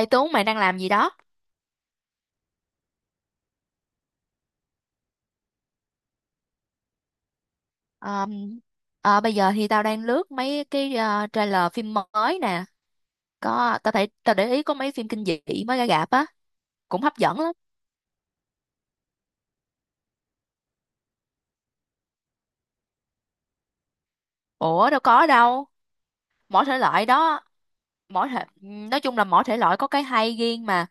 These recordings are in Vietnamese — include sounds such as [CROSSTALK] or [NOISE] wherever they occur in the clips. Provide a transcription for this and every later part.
Ê Tú, mày đang làm gì đó? Ờ, bây giờ thì tao đang lướt mấy cái trailer phim mới nè. Tao thấy, tao để ý có mấy phim kinh dị mới ra rạp á, cũng hấp dẫn lắm. Ủa đâu có đâu, mỗi thể loại đó. Mỗi thể Nói chung là mỗi thể loại có cái hay riêng mà.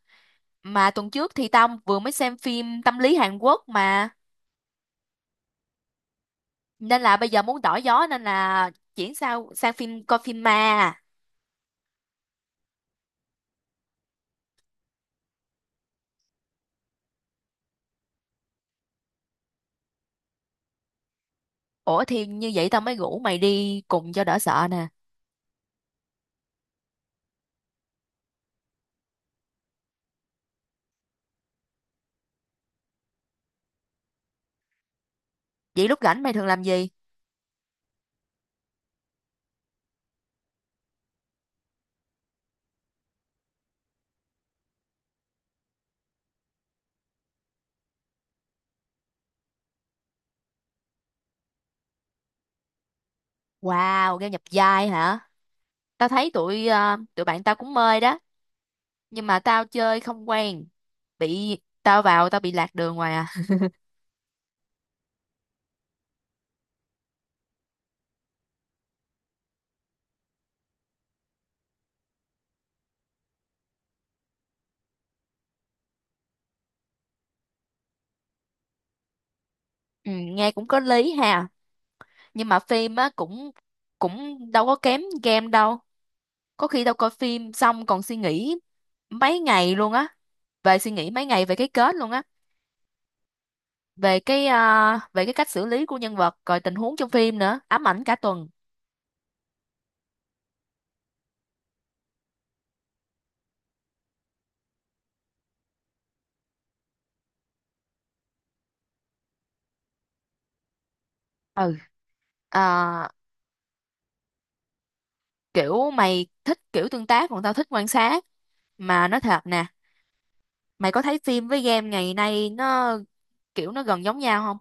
Tuần trước thì tao vừa mới xem phim tâm lý Hàn Quốc mà, nên là bây giờ muốn đổi gió, nên là chuyển sang sang phim, coi phim ma. Ủa thì như vậy tao mới rủ mày đi cùng cho đỡ sợ nè. Vậy lúc rảnh mày thường làm gì? Wow, game nhập vai hả? Tao thấy tụi tụi bạn tao cũng mê đó, nhưng mà tao chơi không quen. Bị tao vào tao bị lạc đường ngoài à. Ừ, nghe cũng có lý ha. Nhưng mà phim á cũng, cũng đâu có kém game đâu. Có khi tao coi phim xong còn suy nghĩ mấy ngày luôn á, suy nghĩ mấy ngày về cái kết luôn á, về cái về cái cách xử lý của nhân vật, rồi tình huống trong phim nữa, ám ảnh cả tuần. Ừ, ờ, kiểu mày thích kiểu tương tác còn tao thích quan sát. Mà nói thật nè, mày có thấy phim với game ngày nay nó kiểu nó gần giống nhau không?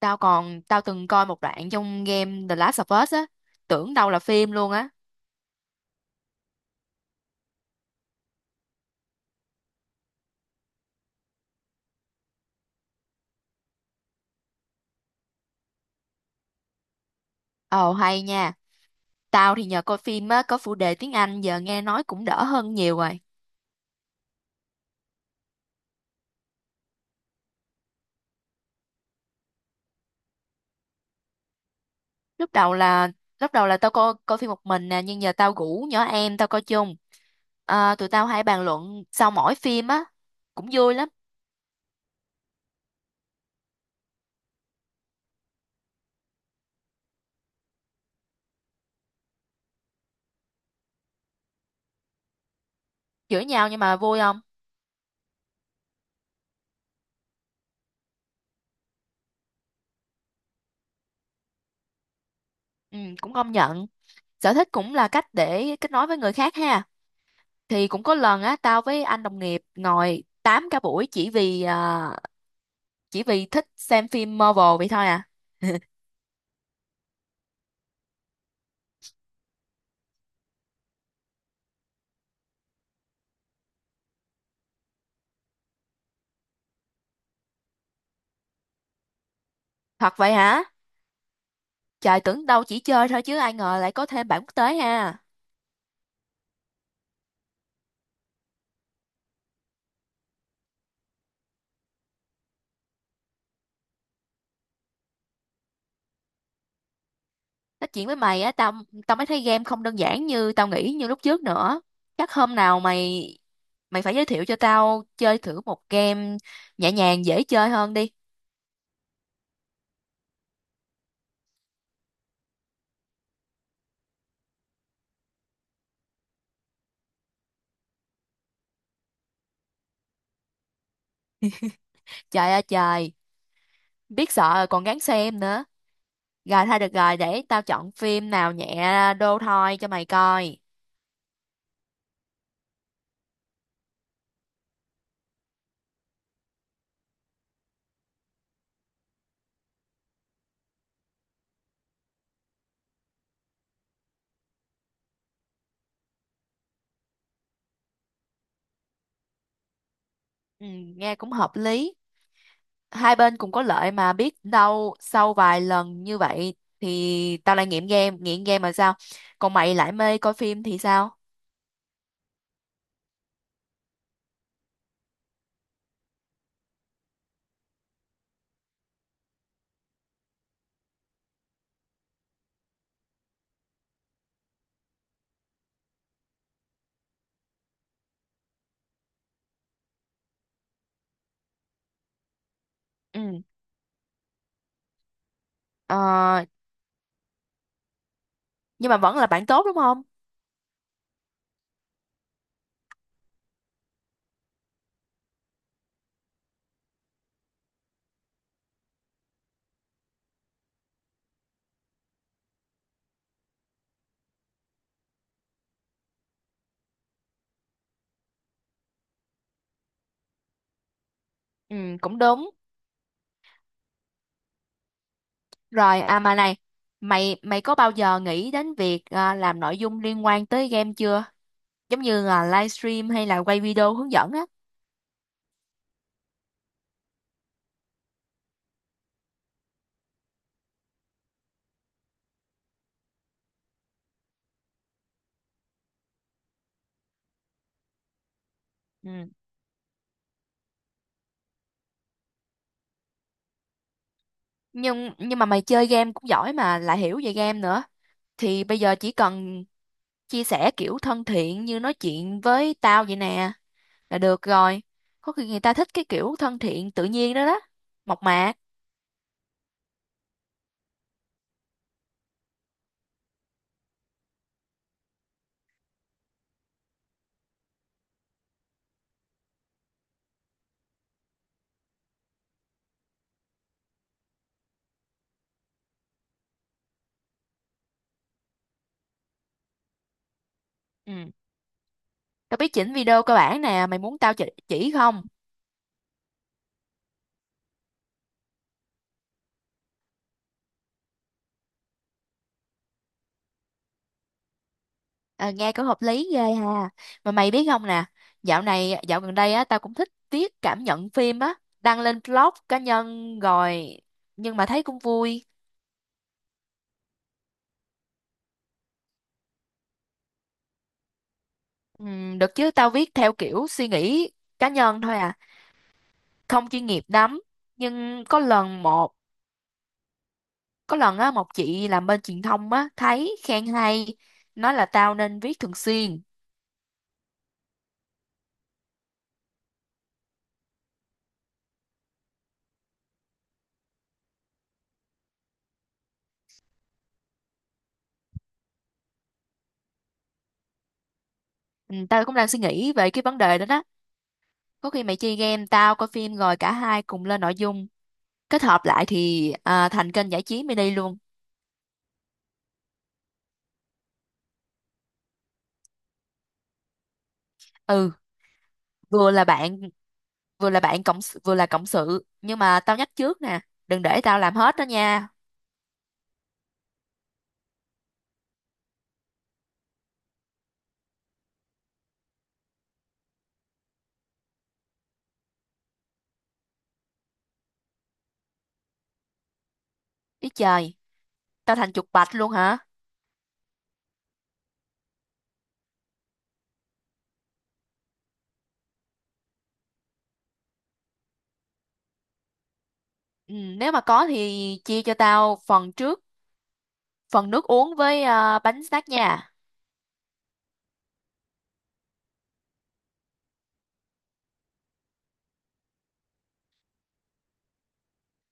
Tao từng coi một đoạn trong game The Last of Us á, tưởng đâu là phim luôn á. Ồ hay nha. Tao thì nhờ coi phim á có phụ đề tiếng Anh, giờ nghe nói cũng đỡ hơn nhiều rồi. lúc đầu là Lúc đầu là tao coi coi phim một mình nè, nhưng giờ tao rủ nhỏ em tao coi chung. À, tụi tao hay bàn luận sau mỗi phim á, cũng vui lắm. Chửi nhau nhưng mà vui không? Ừ, cũng công nhận, sở thích cũng là cách để kết nối với người khác ha. Thì cũng có lần á tao với anh đồng nghiệp ngồi tám cả buổi chỉ vì chỉ vì thích xem phim Marvel vậy thôi à. Thật vậy hả? Trời, tưởng đâu chỉ chơi thôi chứ ai ngờ lại có thêm bạn quốc tế ha. Nói chuyện với mày á, tao tao mới thấy game không đơn giản như tao nghĩ như lúc trước nữa. Chắc hôm nào mày mày phải giới thiệu cho tao chơi thử một game nhẹ nhàng dễ chơi hơn đi. Trời ơi trời, biết sợ rồi còn gắng xem nữa. Rồi thôi được rồi, để tao chọn phim nào nhẹ đô thôi cho mày coi. Ừ, nghe cũng hợp lý. Hai bên cũng có lợi, mà biết đâu sau vài lần như vậy thì tao lại nghiện game mà sao? Còn mày lại mê coi phim thì sao? Ừ, ờ, nhưng mà vẫn là bạn tốt đúng không? Ừ, cũng đúng. Rồi, à mà này, mày mày có bao giờ nghĩ đến việc làm nội dung liên quan tới game chưa? Giống như là livestream hay là quay video hướng dẫn á? Ừ. Nhưng mà mày chơi game cũng giỏi mà lại hiểu về game nữa, thì bây giờ chỉ cần chia sẻ kiểu thân thiện như nói chuyện với tao vậy nè là được rồi. Có khi người ta thích cái kiểu thân thiện tự nhiên đó đó, mộc mạc. Ừ, tao biết chỉnh video cơ bản nè, mày muốn tao chỉ không? À, nghe cũng hợp lý ghê ha. Mà mày biết không nè, dạo gần đây á tao cũng thích viết cảm nhận phim á, đăng lên blog cá nhân rồi, nhưng mà thấy cũng vui. Ừ, được chứ, tao viết theo kiểu suy nghĩ cá nhân thôi à, không chuyên nghiệp lắm. Nhưng có lần một Có lần á một chị làm bên truyền thông á thấy khen hay, nói là tao nên viết thường xuyên. Ừ, tao cũng đang suy nghĩ về cái vấn đề đó đó. Có khi mày chơi game tao coi phim rồi cả hai cùng lên nội dung, kết hợp lại thì thành kênh giải trí mini luôn. Ừ, vừa là bạn, vừa là cộng sự, nhưng mà tao nhắc trước nè, đừng để tao làm hết đó nha. Ý trời, tao thành chuột bạch luôn hả? Ừ, nếu mà có thì chia cho tao phần trước, phần nước uống với bánh snack nha.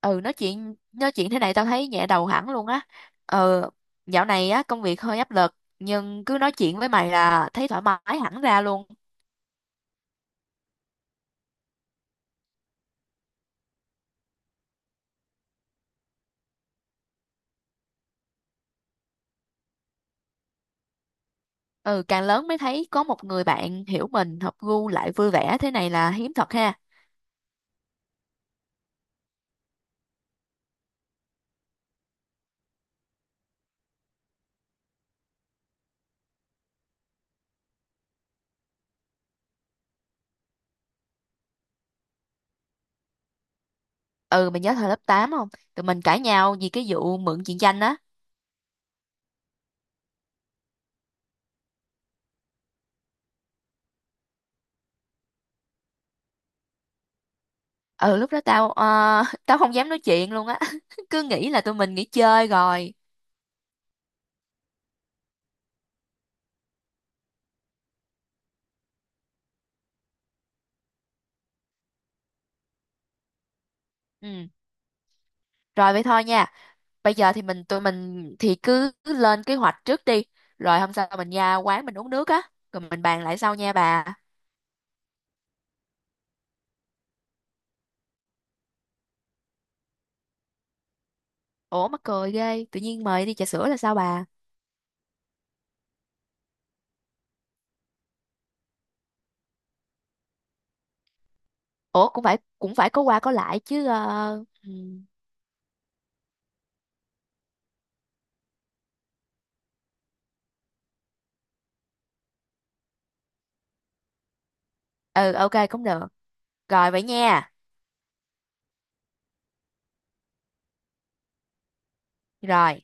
Ừ nói chuyện thế này tao thấy nhẹ đầu hẳn luôn á. Ừ, dạo này á công việc hơi áp lực nhưng cứ nói chuyện với mày là thấy thoải mái hẳn ra luôn. Ừ, càng lớn mới thấy có một người bạn hiểu mình hợp gu lại vui vẻ thế này là hiếm thật ha. Ừ, mày nhớ thời lớp 8 không? Tụi mình cãi nhau vì cái vụ mượn chuyện tranh á. Ừ, lúc đó tao [LAUGHS] tao không dám nói chuyện luôn á. [LAUGHS] Cứ nghĩ là tụi mình nghỉ chơi rồi. Ừ. Rồi vậy thôi nha. Bây giờ thì tụi mình thì cứ cứ lên kế hoạch trước đi. Rồi hôm sau mình ra quán mình uống nước á. Rồi mình bàn lại sau nha bà. Ủa mắc cười ghê. Tự nhiên mời đi trà sữa là sao bà? Ủa cũng phải có qua có lại chứ. Ờ, Ừ. Ừ, ok cũng được. Rồi vậy nha. Rồi.